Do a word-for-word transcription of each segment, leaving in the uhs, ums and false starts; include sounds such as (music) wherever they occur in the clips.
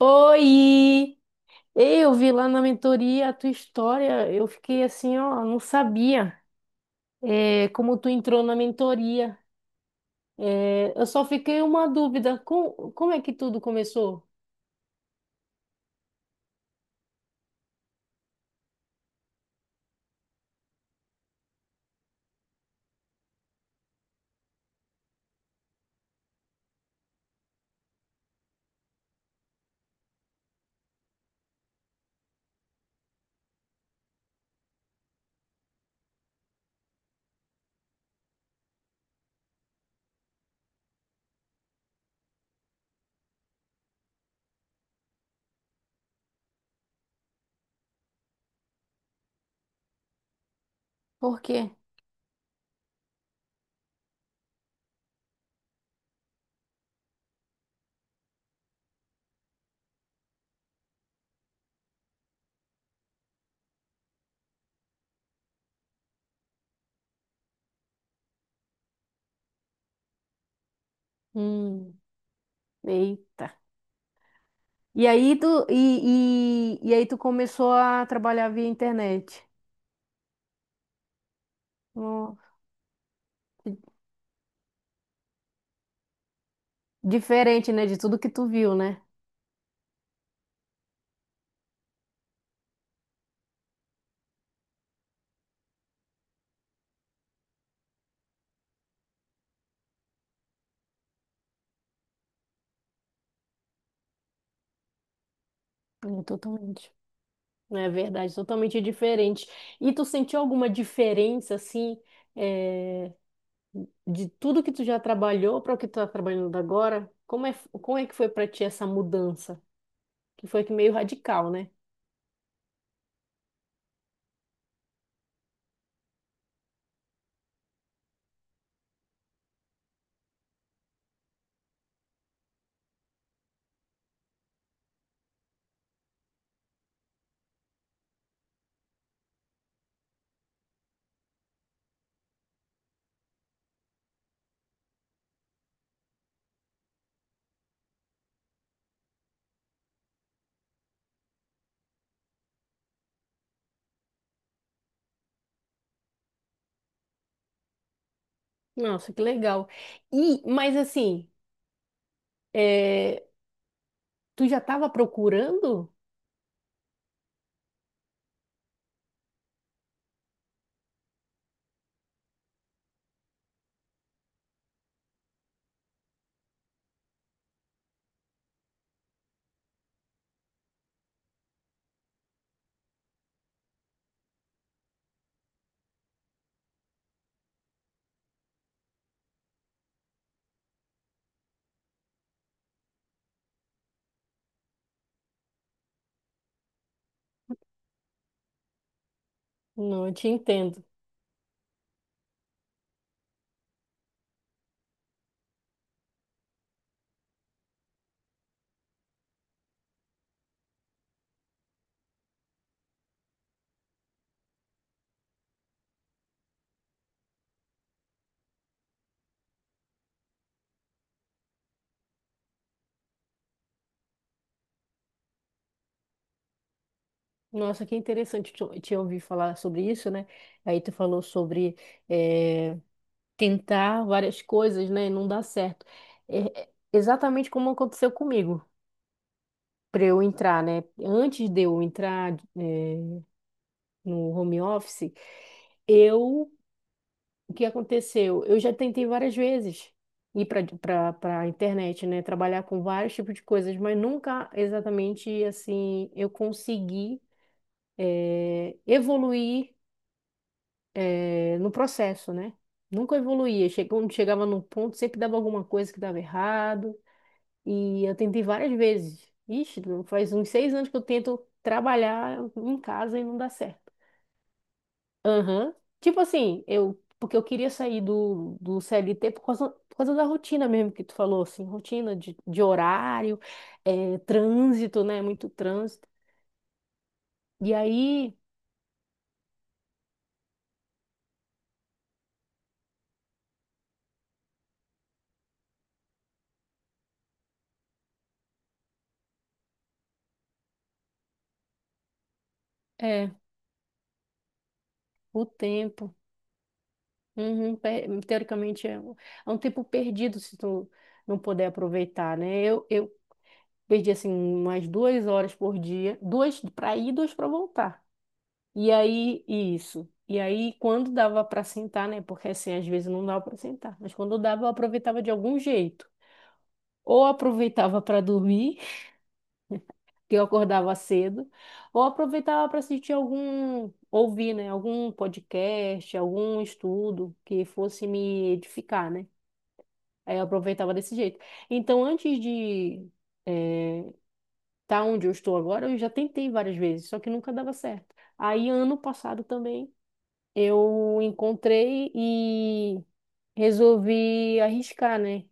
Oi! Ei, eu vi lá na mentoria a tua história, eu fiquei assim, ó, não sabia é, como tu entrou na mentoria. É, eu só fiquei uma dúvida, com, como é que tudo começou? Por quê? Hum, eita. E aí tu, e, e, e aí tu começou a trabalhar via internet. Ó, diferente, né, de tudo que tu viu, né? É, totalmente. É verdade, totalmente diferente. E tu sentiu alguma diferença, assim, é, de tudo que tu já trabalhou para o que tu tá trabalhando agora? Como é, como é que foi para ti essa mudança? Que foi que meio radical, né? Nossa, que legal. E, mas assim, é, tu já estava procurando? Não, eu te entendo. Nossa, que interessante te, te ouvir falar sobre isso, né? Aí tu falou sobre eh, tentar várias coisas, né? Não dá certo. É é exatamente como aconteceu comigo, para eu entrar, né? Antes de eu entrar, é, no home office, eu, o que aconteceu? Eu já tentei várias vezes ir para para para internet, né? Trabalhar com vários tipos de coisas, mas nunca exatamente assim eu consegui eh, evoluir eh, no processo, né? Nunca evoluía. Che- Quando chegava num ponto, sempre dava alguma coisa que dava errado. E eu tentei várias vezes. Ixi, não- faz uns seis anos que eu tento trabalhar em casa e não dá certo. Aham. Tipo assim, eu. Porque eu queria sair do, do C L T por causa, por causa da rotina mesmo que tu falou, assim, rotina de, de horário, eh, trânsito, né? Muito trânsito. E aí, é, o tempo. Uhum, pe- teoricamente, é um, é um tempo perdido se tu não puder aproveitar, né? Eu, eu perdi assim umas duas horas por dia, duas para ir, duas para voltar. E aí, isso. E aí, quando dava para sentar, né? Porque assim, às vezes não dava para sentar, mas quando dava, eu aproveitava de algum jeito. Ou aproveitava para dormir, (laughs) que eu acordava cedo, ou aproveitava para assistir algum, ouvir, né? Algum podcast, algum estudo que fosse me edificar, né? Aí eu aproveitava desse jeito. Então, antes de, eh, tá onde eu estou agora, eu já tentei várias vezes, só que nunca dava certo. Aí, ano passado também, eu encontrei e resolvi arriscar, né?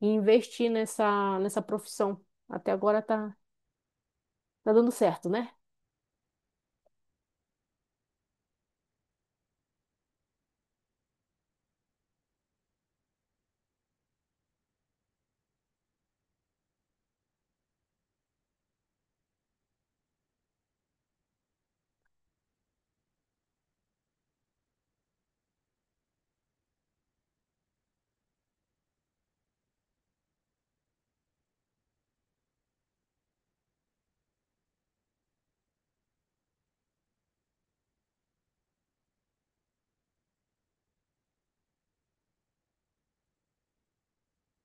E investir nessa, nessa profissão. Até agora tá, tá dando certo, né?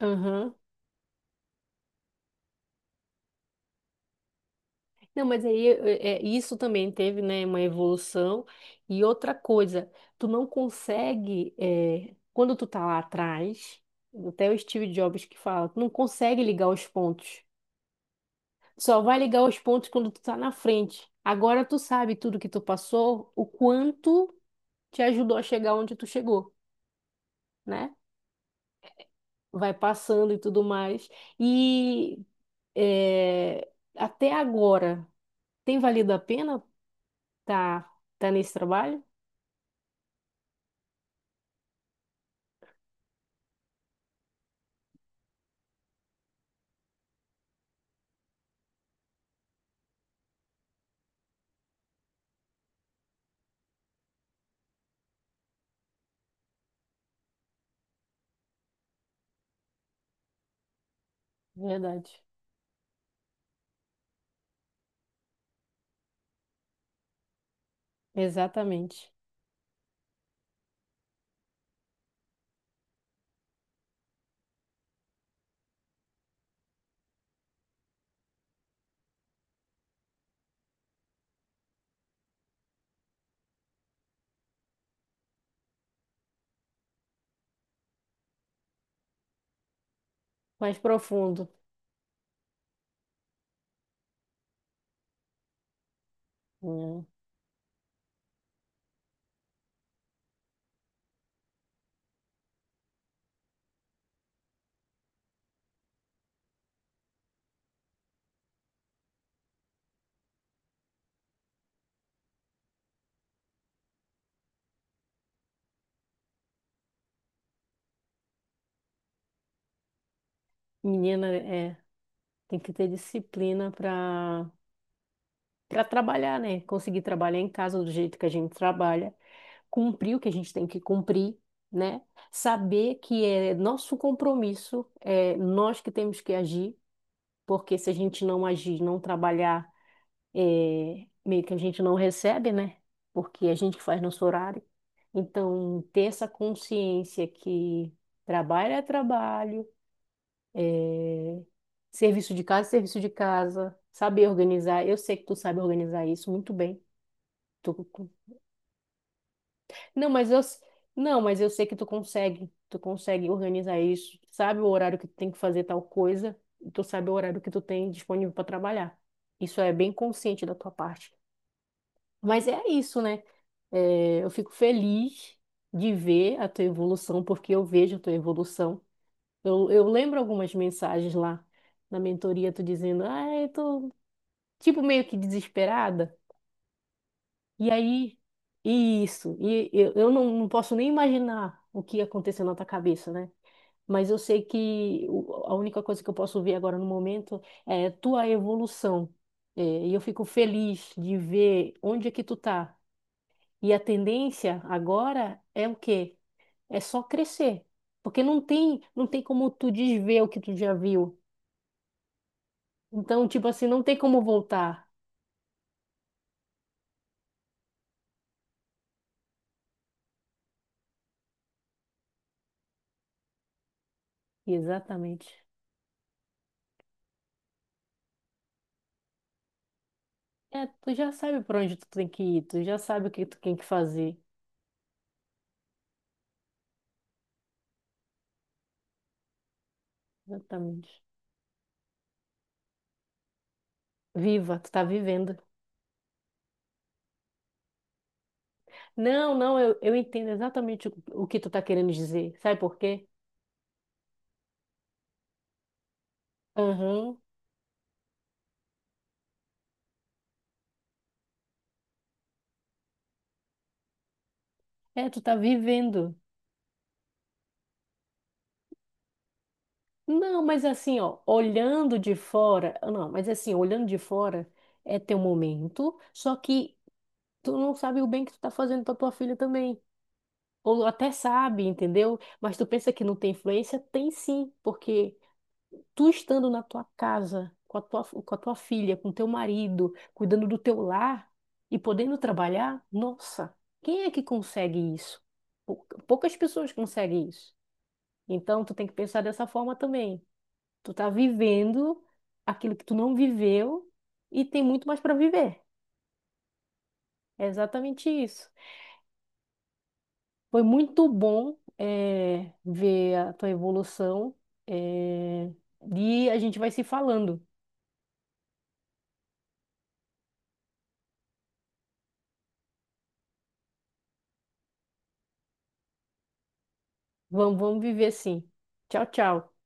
Aham. Não, mas aí é, é, isso também teve, né, uma evolução. E outra coisa, tu não consegue, é, quando tu tá lá atrás, até o Steve Jobs que fala, tu não consegue ligar os pontos. Só vai ligar os pontos quando tu tá na frente. Agora tu sabe tudo que tu passou, o quanto te ajudou a chegar onde tu chegou, né? Vai passando e tudo mais. E é, até agora, tem valido a pena tá, tá nesse trabalho? Verdade. Exatamente. Mais profundo. Hum. Menina, é, tem que ter disciplina para para trabalhar, né? Conseguir trabalhar em casa do jeito que a gente trabalha. Cumprir o que a gente tem que cumprir, né? Saber que é nosso compromisso, é nós que temos que agir, porque se a gente não agir, não trabalhar, é, meio que a gente não recebe, né? Porque é a gente que faz nosso horário. Então, ter essa consciência que trabalho é trabalho, é, serviço de casa é serviço de casa, saber organizar. Eu sei que tu sabe organizar isso muito bem. Tu Não, mas eu, s- não, mas eu sei que tu consegue. Tu consegue organizar isso. Tu sabe o horário que tu tem que fazer tal coisa. E tu sabe o horário que tu tem disponível para trabalhar. Isso é bem consciente da tua parte. Mas é isso, né? É, eu fico feliz de ver a tua evolução, porque eu vejo a tua evolução. Eu, eu lembro algumas mensagens lá na mentoria, tu dizendo, ah, eu tô tipo meio que desesperada. E aí, e isso, e eu, eu não, não posso nem imaginar o que aconteceu na tua cabeça, né? Mas eu sei que o- a única coisa que eu posso ver agora no momento é tua evolução. É, e eu fico feliz de ver onde é que tu tá. E a tendência agora é o quê? É só crescer. Porque não tem, não tem como tu desver o que tu já viu. Então, tipo assim, não tem como voltar. Exatamente. É, tu já sabe para onde tu tem que ir, tu já sabe o que tu tem que fazer. Exatamente. Viva, tu tá vivendo. Não, não, eu, eu entendo exatamente o, o que tu tá querendo dizer. Sabe por quê? Aham. É, tu tá vivendo. Não, mas assim, ó, olhando de fora, não, mas assim, olhando de fora é teu momento, só que tu não sabe o bem que tu tá fazendo pra tua filha também. Ou até sabe, entendeu? Mas tu pensa que não tem influência? Tem sim, porque tu estando na tua casa, com a tua, com a tua filha, com teu marido, cuidando do teu lar e podendo trabalhar, nossa, quem é que consegue isso? Pou- Poucas pessoas conseguem isso. Então, tu tem que pensar dessa forma também. Tu tá vivendo aquilo que tu não viveu e tem muito mais para viver. É exatamente isso. Foi muito bom, eh, ver a tua evolução, eh, e a gente vai se falando. Vamos, vamos viver assim. Tchau, tchau.